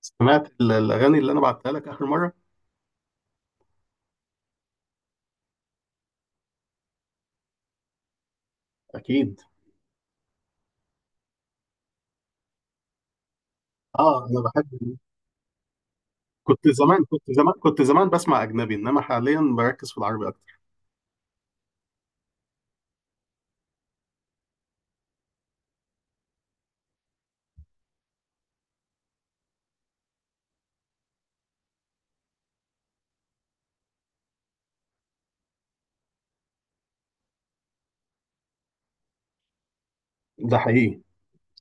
سمعت الاغاني اللي انا بعتها لك اخر مره. اكيد. اه، انا بحب. كنت زمان بسمع اجنبي، انما حاليا بركز في العربي اكتر. ده حقيقي.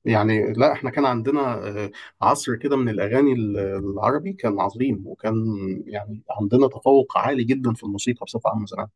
يعني لا، احنا كان عندنا آه، عصر كده من الاغاني العربي كان عظيم، وكان يعني عندنا تفوق عالي جدا في الموسيقى بصفه عامه زمان.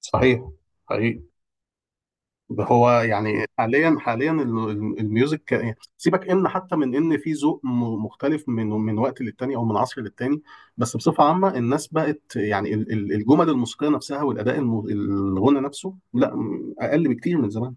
صحيح. حقيقي. هو يعني حاليا الميوزك، سيبك ان حتى من ان في ذوق مختلف من وقت للتاني او من عصر للتاني. بس بصفه عامه الناس بقت، يعني الجمل الموسيقيه نفسها والاداء الغنى نفسه، لا اقل بكتير من زمان.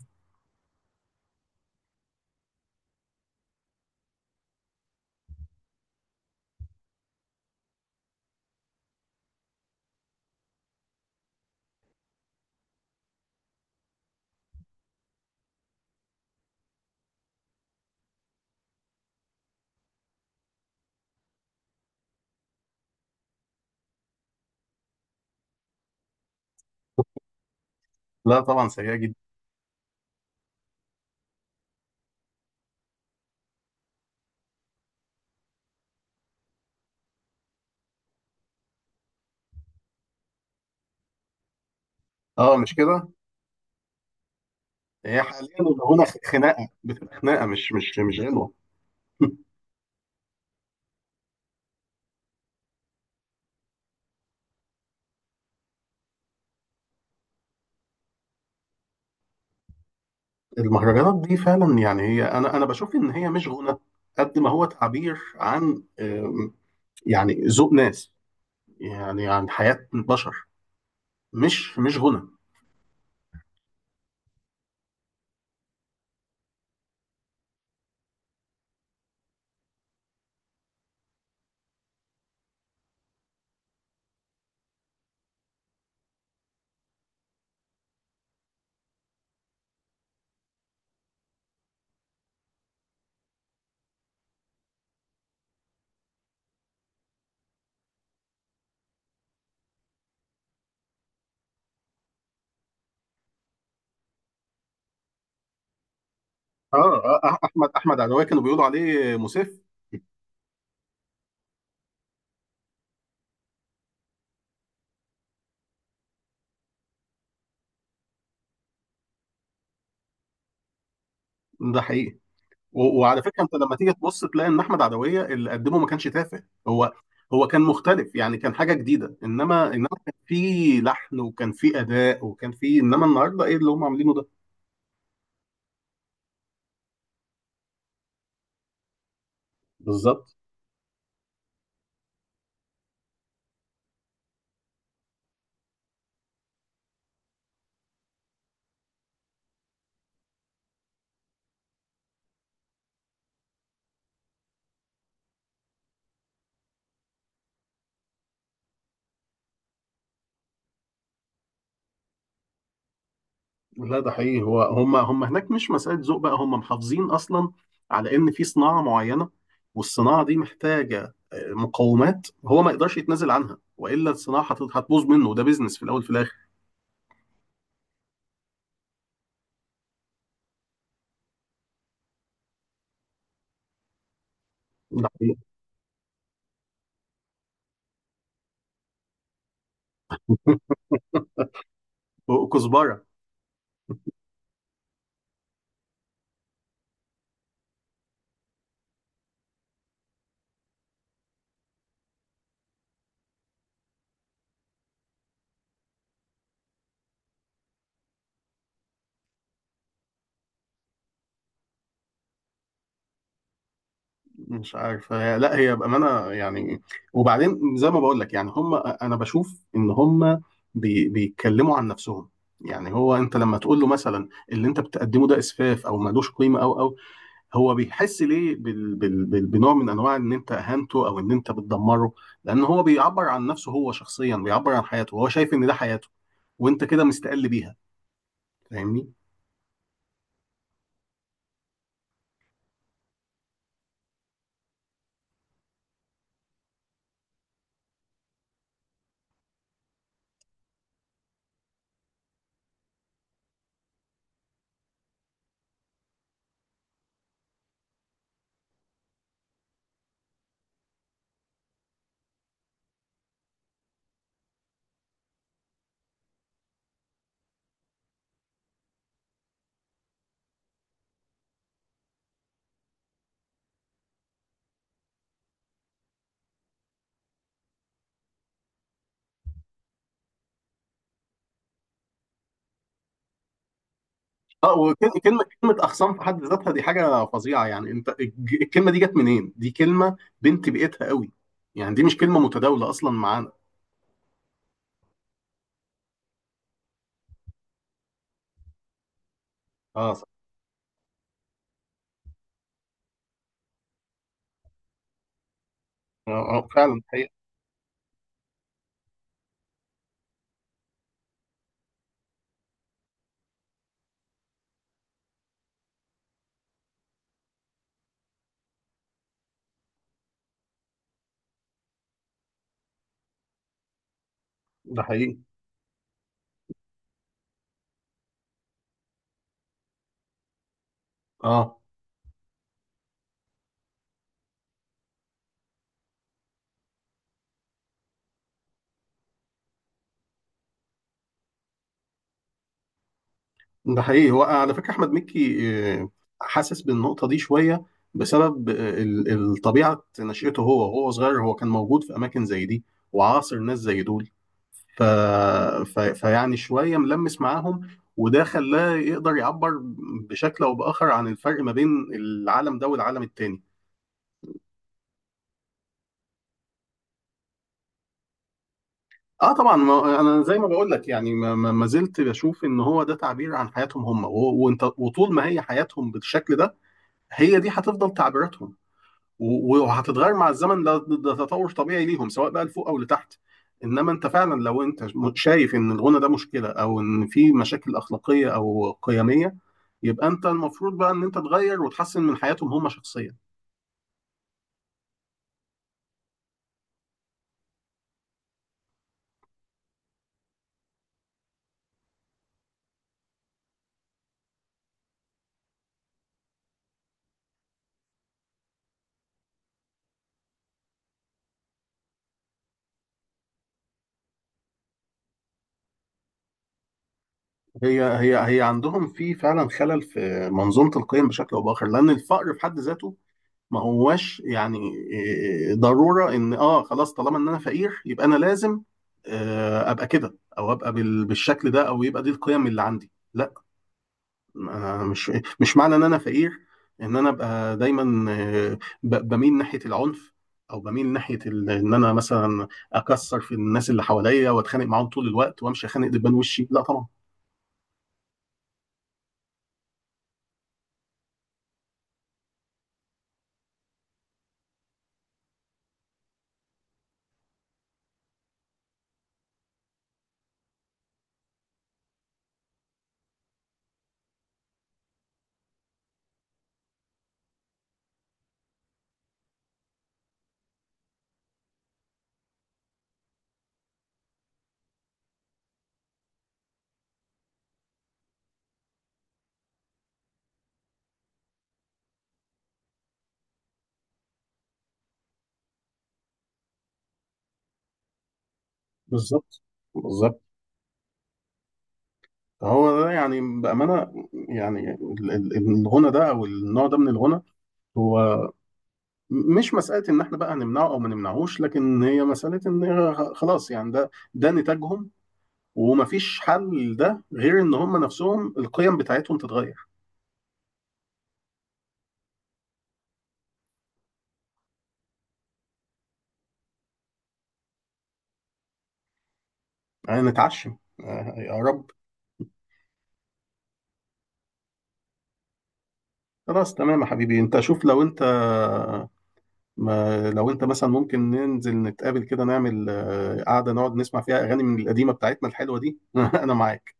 لا طبعا، سيئه جدا. اه، مش كده. هي حاليا الغنى خناقه، بتبقى خناقه مش غنوه. المهرجانات دي فعلا، يعني هي انا بشوف ان هي مش غنى، قد ما هو تعبير عن، يعني ذوق ناس، يعني عن حياة بشر، مش غنى. اه. احمد عدوية كانوا بيقولوا عليه مسيف. ده حقيقي. وعلى فكره انت لما تيجي تبص، تلاقي ان احمد عدويه اللي قدمه ما كانش تافه هو. هو كان مختلف، يعني كان حاجه جديده، انما كان في لحن وكان في اداء وكان في، انما النهارده ايه اللي هم عاملينه ده؟ بالظبط. لا، ده حقيقي، هو هم هناك مش مسألة ذوق بقى، هم محافظين أصلا على إن في صناعة معينة، والصناعة دي محتاجة مقومات هو ما يقدرش يتنازل عنها، وإلا الصناعة هتبوظ منه، ده بيزنس في الأول في الآخر. ده حقيقي. وكزبرة. مش عارف لا، هي بأمانة يعني. وبعدين زي ما بقول لك، يعني هم، أنا بشوف إن هم بيتكلموا عن نفسهم. يعني هو أنت لما تقول له مثلا اللي أنت بتقدمه ده إسفاف أو ملوش قيمة أو. هو بيحس ليه بنوع من انواع ان انت اهنته، او ان انت بتدمره، لان هو بيعبر عن نفسه، هو شخصيا بيعبر عن حياته، هو شايف ان ده حياته، وانت كده مستقل بيها. فاهمني؟ اه، وكلمه اخصام في حد ذاتها دي حاجه فظيعه، يعني انت الكلمه دي جت منين؟ دي كلمه بنت بيئتها قوي، يعني دي مش كلمه متداوله اصلا معانا. اه، صح. فعلا، ده حقيقي. ده حقيقي. اه. ده حقيقي. هو على فكرة أحمد مكي آه، حاسس بالنقطة دي شوية، بسبب الطبيعة نشأته، هو وهو صغير هو كان موجود في أماكن زي دي، وعاصر ناس زي دول، ف... فيعني شوية ملمس معاهم، وده خلاه يقدر يعبر بشكل أو بآخر عن الفرق ما بين العالم ده والعالم التاني. اه طبعا، ما انا زي ما بقول لك، يعني ما زلت بشوف ان هو ده تعبير عن حياتهم هم. وانت، وطول ما هي حياتهم بالشكل ده، هي دي هتفضل تعبيراتهم، وهتتغير مع الزمن، ده تطور طبيعي ليهم، سواء بقى لفوق او لتحت. انما انت فعلا، لو انت شايف ان الغنى ده مشكله، او ان في مشاكل اخلاقيه او قيميه، يبقى انت المفروض بقى ان انت تغير وتحسن من حياتهم هم شخصيا. هي عندهم في فعلا خلل في منظومه القيم بشكل او باخر، لان الفقر في حد ذاته ما هواش، يعني إيه، ضروره ان، اه خلاص، طالما ان انا فقير يبقى انا لازم ابقى كده، او ابقى بالشكل ده، او يبقى دي القيم اللي عندي. لا، ما- مش مش معنى ان انا فقير ان انا ابقى دايما بميل ناحيه العنف، او بميل ناحيه ان انا مثلا اكسر في الناس اللي حواليا واتخانق معاهم طول الوقت، وامشي اخانق دبان وشي، لا طبعا. بالظبط، بالظبط. هو ده، يعني بامانه، يعني الغنى ده او النوع ده من الغنى هو مش مساله ان احنا بقى هنمنعه او ما نمنعهوش، لكن هي مساله ان خلاص، يعني ده نتاجهم، ومفيش حل ده غير ان هم نفسهم القيم بتاعتهم تتغير. يعني نتعشم، يا رب. خلاص تمام يا حبيبي. انت شوف، لو انت ما لو انت مثلا ممكن ننزل نتقابل كده، نعمل قعده نقعد نسمع فيها اغاني من القديمه بتاعتنا الحلوه دي. انا معاك.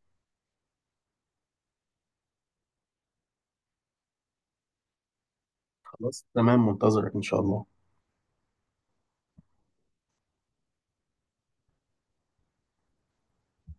خلاص تمام، منتظرك ان شاء الله.